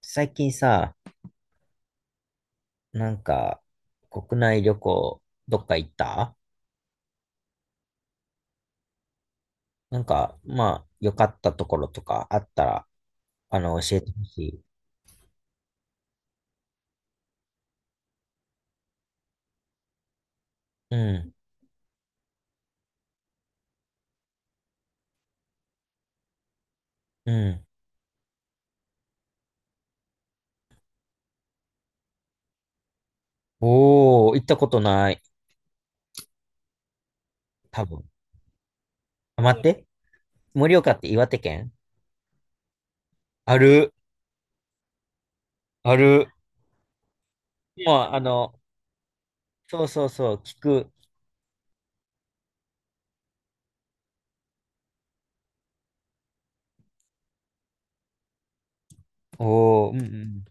最近さ、なんか、国内旅行、どっか行った？なんか、まあ、良かったところとかあったら、教えてほしい。うん、うん。おー、行ったことない。多分。あ、待って。盛岡って岩手県ある、ある。もう、あの、そうそうそう、聞く。おー、うん、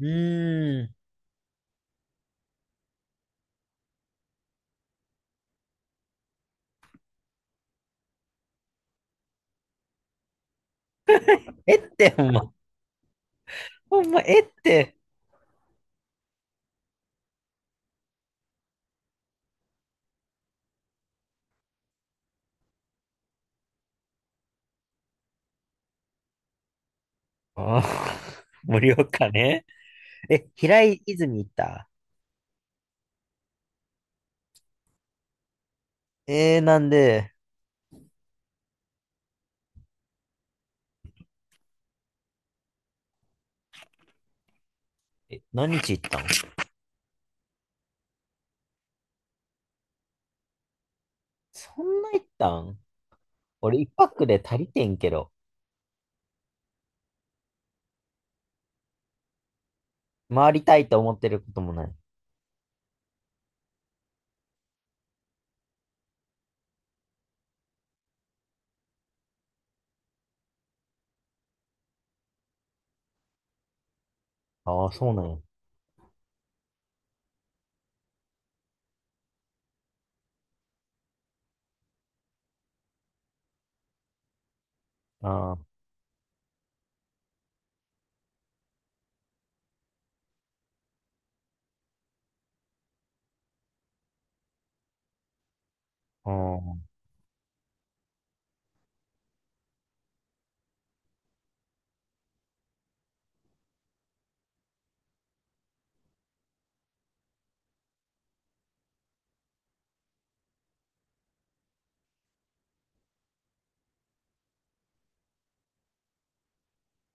うん。うーん。えって、ほんま、ほんま、えって。あー、盛岡ね。え、平泉行った？えー、なんで？え、何日行ったん？そんな行ったん？俺一泊で足りてんけど、回りたいと思ってることもない。ああ、そうなんや。ああ、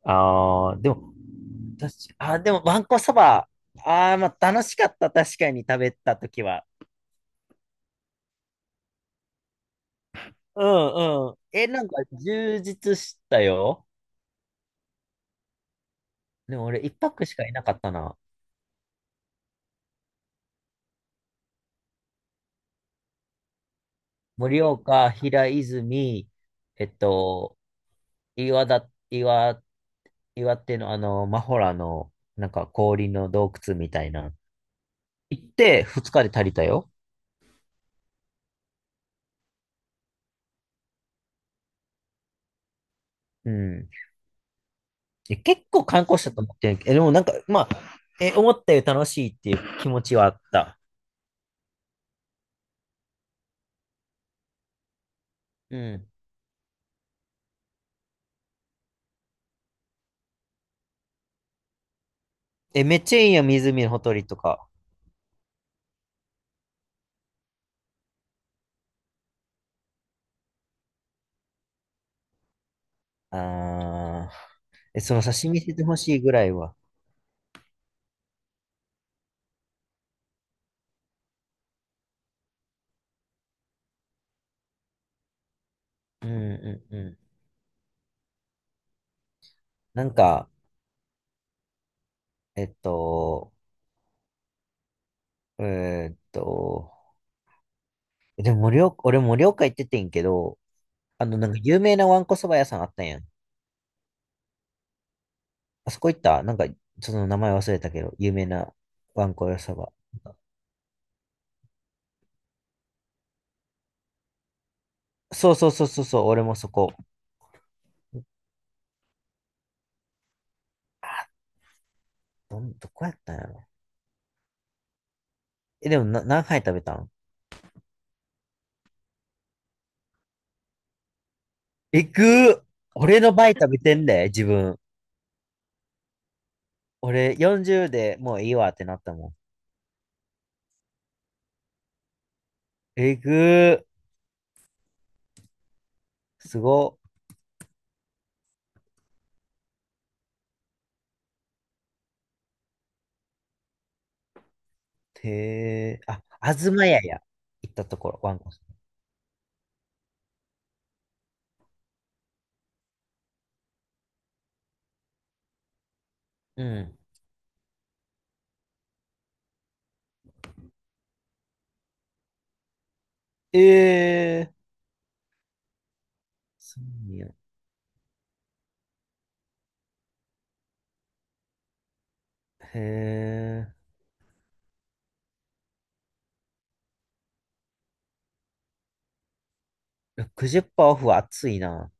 ああー、でも、確かあ、でも、わんこそば、ああ、まあ、楽しかった、確かに食べたときは。うんうん。え、なんか充実したよ。でも俺一泊しかいなかったな。盛岡、平泉、えっと、岩だ、岩岩手のマホラの、なんか氷の洞窟みたいな。行って二日で足りたよ。うん。え、結構観光したと思ってんけど、え、でもなんか、まあ、え、思ったより楽しいっていう気持ちはあった。うん。え、めっちゃいいやん、湖のほとりとか。あー。え、その写真見せてほしいぐらいは。うんうんうん。なんか、えっと、えーっと、でも盛岡、俺盛岡行っててんけど、なんか有名なわんこそば屋さんあったんやん。あそこ行った、なんか、その名前忘れたけど、有名なワンコ屋そば。そうそうそうそうそう、俺もそこ。あ、どこやったんやろ。え、でもな、何杯食べたん？えぐー。俺の倍食べてんで、自分。俺40でもういいわってなったもん。えぐー、すごっ。へえ。あ、あずまやや。行ったところ、ワンコ。うん。ええー。そうや。へえ。60%オフは熱いな。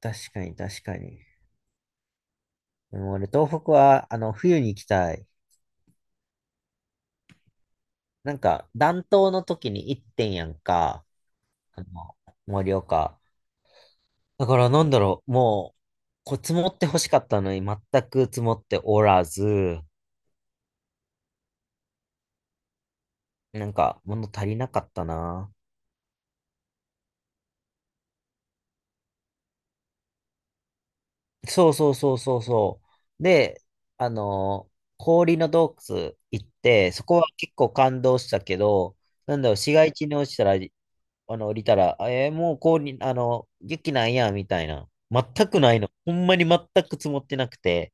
確かに、確かに。でも俺、東北は、冬に行きたい。なんか、暖冬の時に行ってんやんか。あの、盛岡。だから、なんだろう、もう、こう、積もって欲しかったのに、全く積もっておらず、なんか、物足りなかったな。そうそうそうそうそう。で、あの、氷の洞窟行って、そこは結構感動したけど、なんだろう、市街地に落ちたらあの、降りたら、あえー、もうこうに、雪なんや、みたいな。全くないの。ほんまに全く積もってなくて。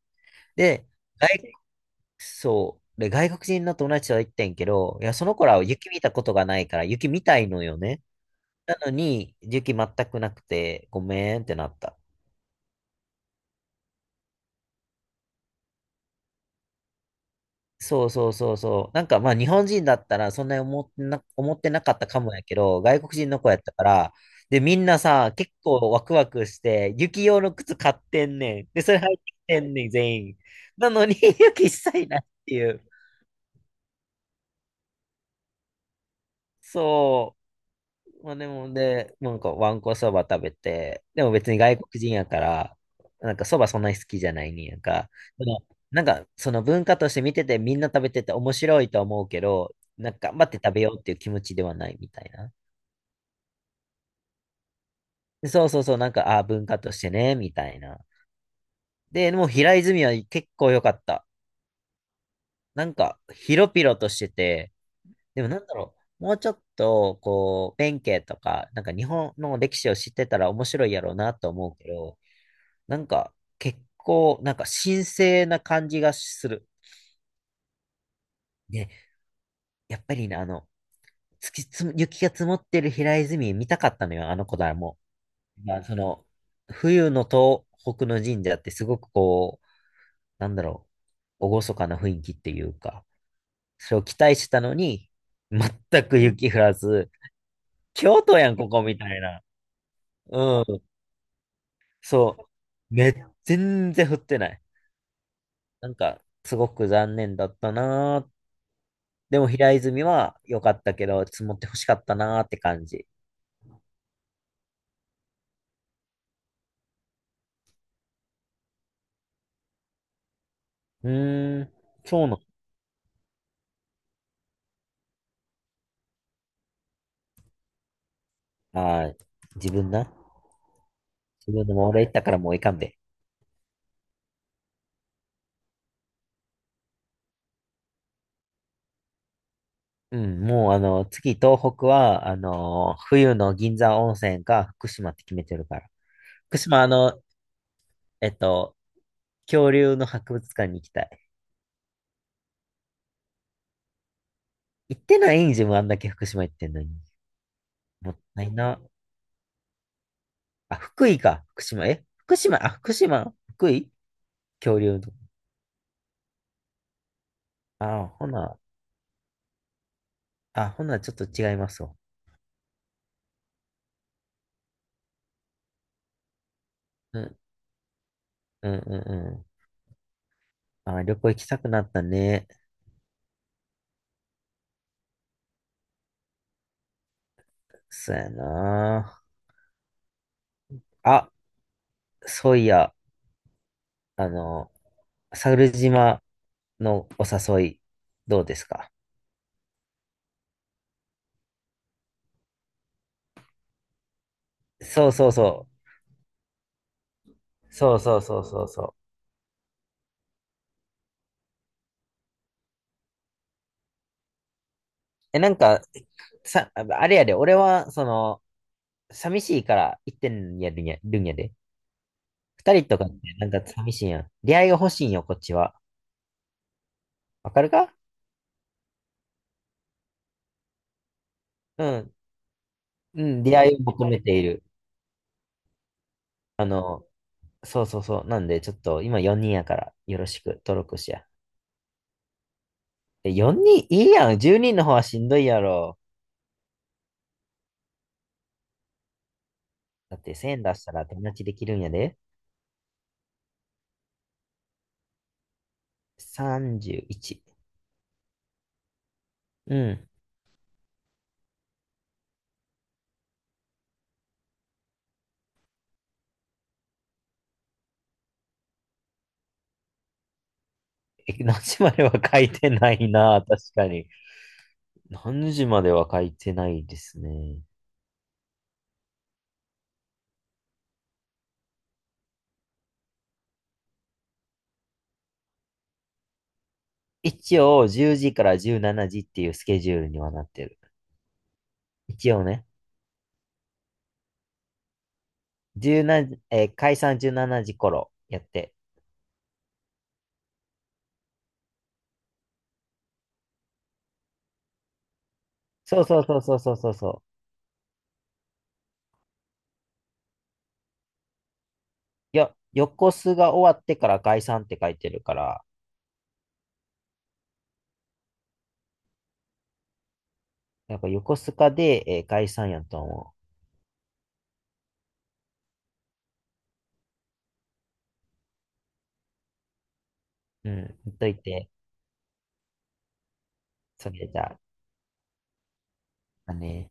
で、外、そう。で、外国人の友達は言ってんけど、いや、その子らは雪見たことがないから、雪見たいのよね。なのに、雪全くなくて、ごめんってなった。そうそうそうそう。なんかまあ日本人だったらそんなに思ってなかったかもやけど、外国人の子やったから、で、みんなさ、結構ワクワクして、雪用の靴買ってんねん。で、それ履いてきてんねん、全員。なのに、雪一切ないっていう。そう。まあでも、で、なんかわんこそば食べて、でも別に外国人やから、なんかそばそんなに好きじゃないねんやんか。その、なんか、その文化として見ててみんな食べてて面白いと思うけど、なんか頑張って食べようっていう気持ちではないみたいな。で、そうそうそう、なんか、ああ、文化としてね、みたいな。で、でも平泉は結構良かった。なんか、広々としてて、でもなんだろう、もうちょっと、こう、弁慶とか、なんか日本の歴史を知ってたら面白いやろうなと思うけど、なんか、結構、なんか神聖な感じがする。ね、やっぱりね、あの、月つむ、雪が積もってる平泉見たかったのよ、あの子だも、まあ、その、冬の東北の神社ってすごくこう、なんだろう、厳かな雰囲気っていうか、それを期待したのに、全く雪降らず、京都やん、ここみたいな。うん、そう。全然降ってない。なんか、すごく残念だったなー。でも平泉は良かったけど、積もって欲しかったなーって感じ。うーん、そうなの。はい。自分な。自分でも俺行ったからもういかんで。うん、もう次東北は、冬の銀山温泉か福島って決めてるから。福島えっと、恐竜の博物館に行きたい。行ってないん自分あんだけ福島行ってんのに。もったいな。あ、福井か。福島。え、福島、あ、福島、福井恐竜の。あ、ほな、あ、ほな、ちょっと違いますわ。うんうんうんうん。あ、旅行行きたくなったね。そうやな。あ、そういや、あの、猿島のお誘い、どうですか？そうそうそう。そうそうそうそうそう。え、なんか、さ、あれやで、俺は、その、寂しいから行ってんやるんや、るんやで。二人とかってなんか寂しいやん。出会いが欲しいんよ、こっちは。わかるか？うん。うん、出会いを求めている。あの、そうそうそう。なんで、ちょっと今4人やから、よろしく、登録しや。え、4人いいやん。10人の方はしんどいやろ。だって1000出したら友達できるんやで。31。うん。え、何時までは書いてないな。確かに。何時までは書いてないですね。一応、10時から17時っていうスケジュールにはなってる。一応ね。17、解散17時頃やって。そうそうそうそうそうそうそう。いや、横須賀終わってから解散って書いてるから、なんか横須賀で、解散やと思う。うん、ほっといて、それじゃあ、あね。